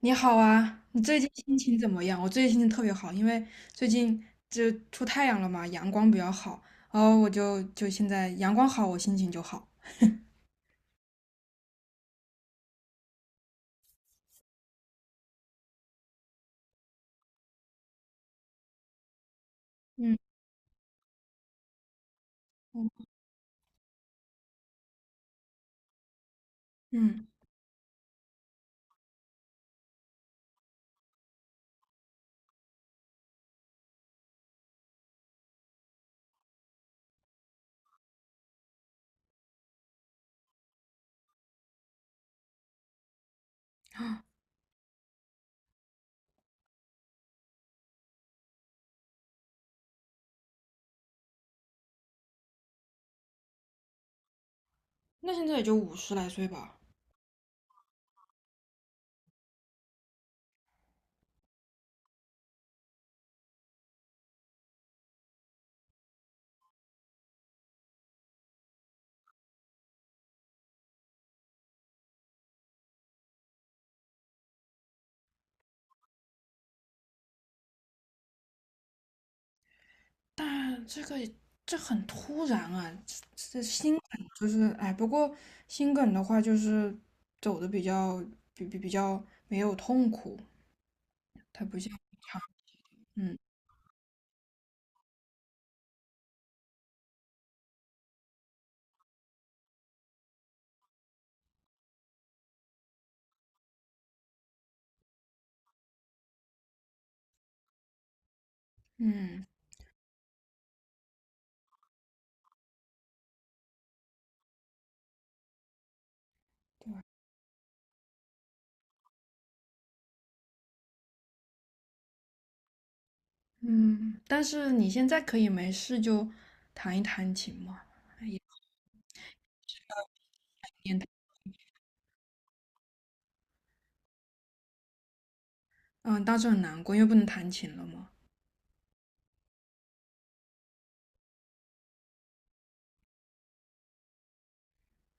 你好啊，你最近心情怎么样？我最近心情特别好，因为最近就出太阳了嘛，阳光比较好，然后我现在阳光好，我心情就好。嗯嗯嗯，那现在也就五十来岁吧，但这个这很突然啊，这心梗就是哎，不过心梗的话就是走的比较比较没有痛苦，它不像嗯嗯。嗯，但是你现在可以没事就弹一弹琴嘛。也嗯，当时很难过，因为不能弹琴了嘛。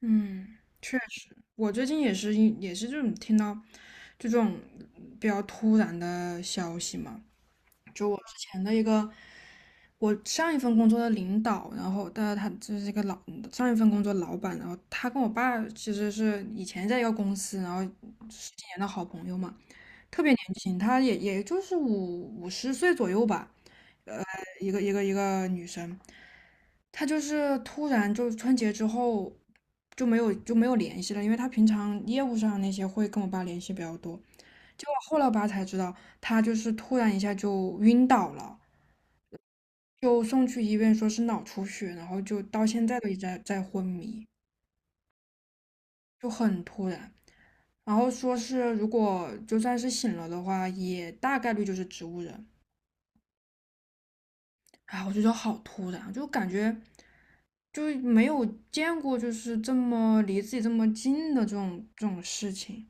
嗯，确实，我最近也是这种听到就这种比较突然的消息嘛，就我之前的一个，我上一份工作的领导，然后但他就是一个老上一份工作老板，然后他跟我爸其实是以前在一个公司，然后10几年的好朋友嘛，特别年轻，他就是五十岁左右吧，呃，一个女生，他就是突然就春节之后就没有联系了，因为他平常业务上那些会跟我爸联系比较多。结果后来我爸才知道，他就是突然一下就晕倒了，就送去医院说是脑出血，然后就到现在都一直在昏迷，就很突然。然后说是如果就算是醒了的话，也大概率就是植物人。啊，我觉得好突然啊，就感觉就没有见过，就是这么离自己这么近的这种事情。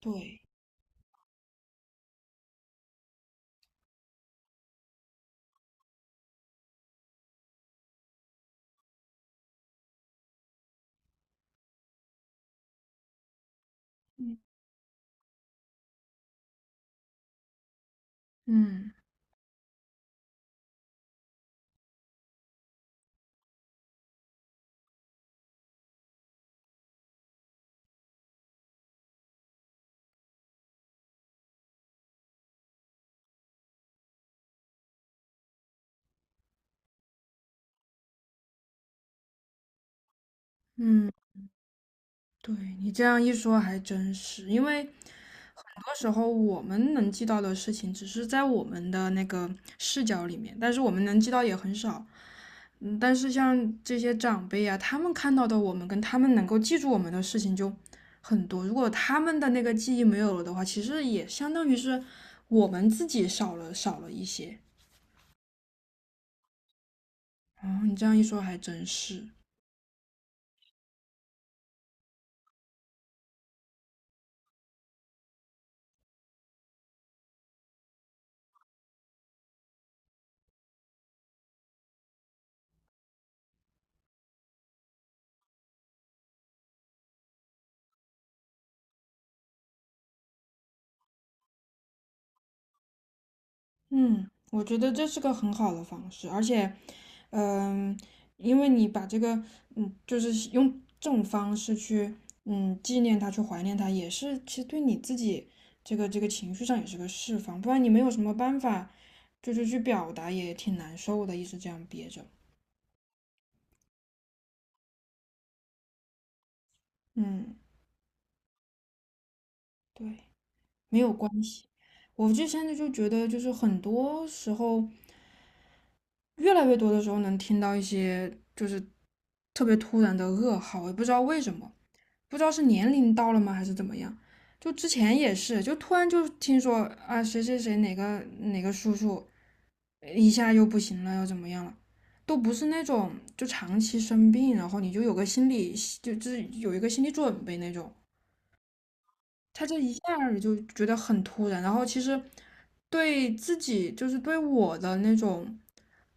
对，嗯嗯嗯。对，你这样一说还真是，因为很多时候我们能记到的事情，只是在我们的那个视角里面，但是我们能记到也很少。嗯，但是像这些长辈啊，他们看到的我们跟他们能够记住我们的事情就很多。如果他们的那个记忆没有了的话，其实也相当于是我们自己少了一些。哦，你这样一说还真是。嗯，我觉得这是个很好的方式，而且，嗯，因为你把这个，嗯，就是用这种方式去，嗯，纪念他，去怀念他，也是其实对你自己这个情绪上也是个释放，不然你没有什么办法，就是去表达也挺难受的，一直这样憋着。嗯，对，没有关系。我就现在就觉得，就是很多时候，越来越多的时候能听到一些就是特别突然的噩耗，我也不知道为什么。不知道是年龄到了吗，还是怎么样。就之前也是，就突然就听说啊，谁谁谁哪个叔叔一下又不行了，又怎么样了，都不是那种就长期生病，然后你就有个心理就是有一个心理准备那种。他这一下儿就觉得很突然，然后其实对自己就是对我的那种，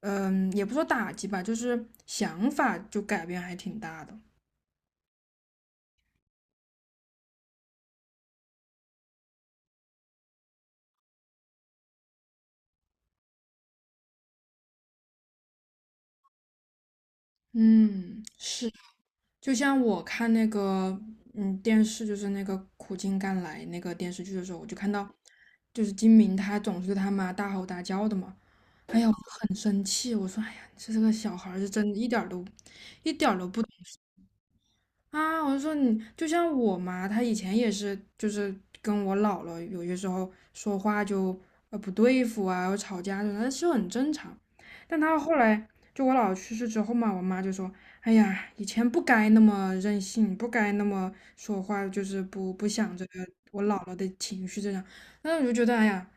嗯，也不说打击吧，就是想法就改变还挺大的。嗯，是。就像我看那个嗯电视，就是那个《苦尽甘来》那个电视剧的时候，我就看到，就是金明他总是对他妈大吼大叫的嘛。哎呀，我很生气，我说哎呀，这个小孩儿是真一点儿都，一点儿都不啊，我就说你就像我妈，她以前也是，就是跟我姥姥有些时候说话就不对付啊，有吵架什那是很正常。但她后来就我姥姥去世之后嘛，我妈就说：“哎呀，以前不该那么任性，不该那么说话，就是不想着我姥姥的情绪这样。”那我就觉得，哎呀，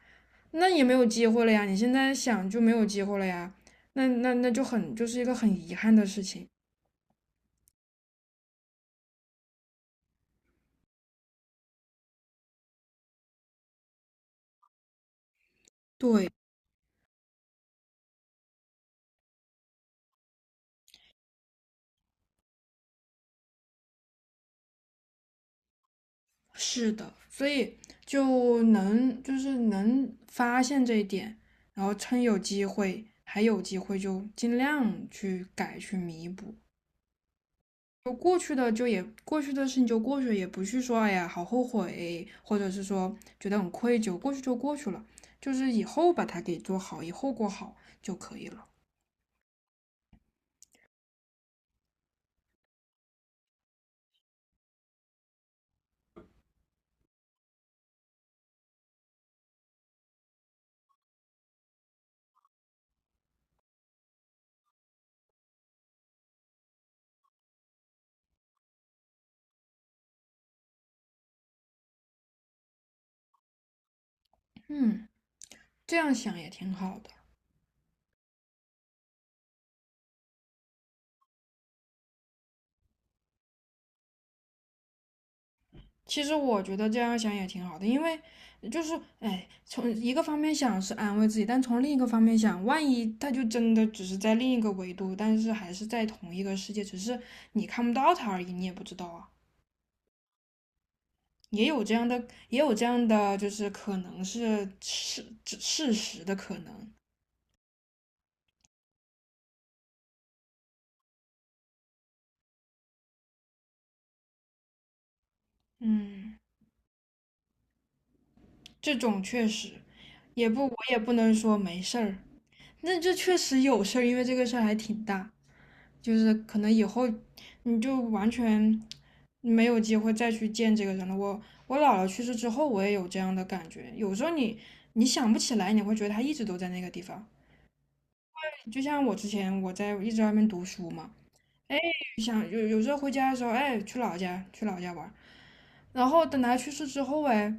那也没有机会了呀，你现在想就没有机会了呀，那就很就是一个很遗憾的事情。对，是的，所以就能就是能发现这一点，然后趁有机会还有机会就尽量去改去弥补。就过去的就也过去的事情就过去了，也不去说哎呀好后悔，或者是说觉得很愧疚，过去就过去了，就是以后把它给做好，以后过好就可以了。嗯，这样想也挺好的。其实我觉得这样想也挺好的，因为就是哎，从一个方面想是安慰自己，但从另一个方面想，万一他就真的只是在另一个维度，但是还是在同一个世界，只是你看不到他而已，你也不知道啊。也有这样的，也有这样的，就是可能是事实的可能。嗯，这种确实也不，我也不能说没事儿。那这确实有事儿，因为这个事儿还挺大，就是可能以后你就完全没有机会再去见这个人了。我姥姥去世之后，我也有这样的感觉。有时候你想不起来，你会觉得他一直都在那个地方。就像我之前我一直在外面读书嘛，想有时候回家的时候，哎，去老家玩然后等他去世之后，哎，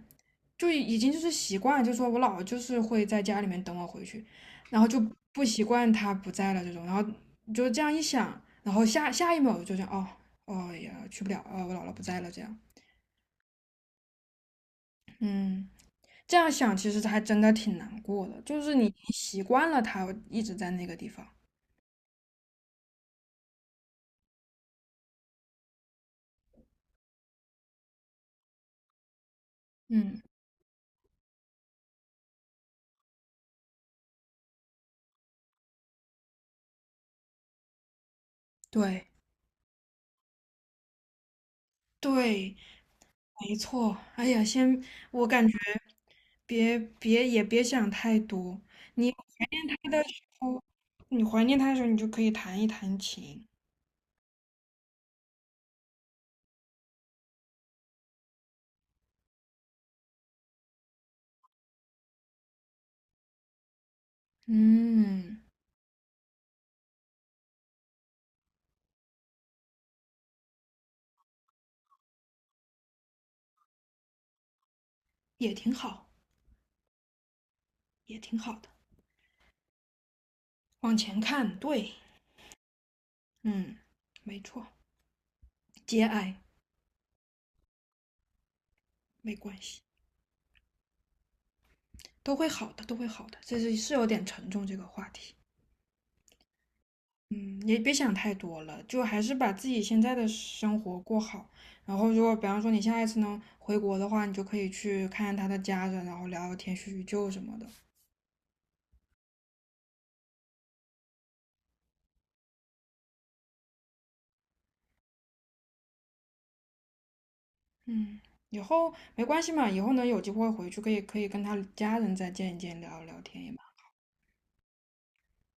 就已经就是习惯，就说我姥就是会在家里面等我回去，然后就不习惯他不在了这种，然后就这样一想，然后下一秒就想，哦哎呀，去不了啊，哦我姥姥不在了这样，嗯，这样想其实还真的挺难过的，就是你习惯了他一直在那个地方，嗯，对对，没错，哎呀，先，我感觉别也别想太多。你怀念他的时候，你怀念他的时候，你就可以弹一弹琴，嗯，也挺好，也挺好的。往前看，对，嗯，没错，节哀没关系，都会好的，都会好的。这是是有点沉重这个话题。嗯，也别想太多了，就还是把自己现在的生活过好。然后，如果比方说你下一次能回国的话，你就可以去看看他的家人，然后聊聊天、叙叙旧什么的。嗯，以后没关系嘛，以后能有机会回去可以跟他家人再见一见，聊一聊天也蛮。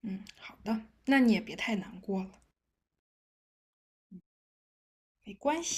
嗯，好的，那你也别太难过了，没关系。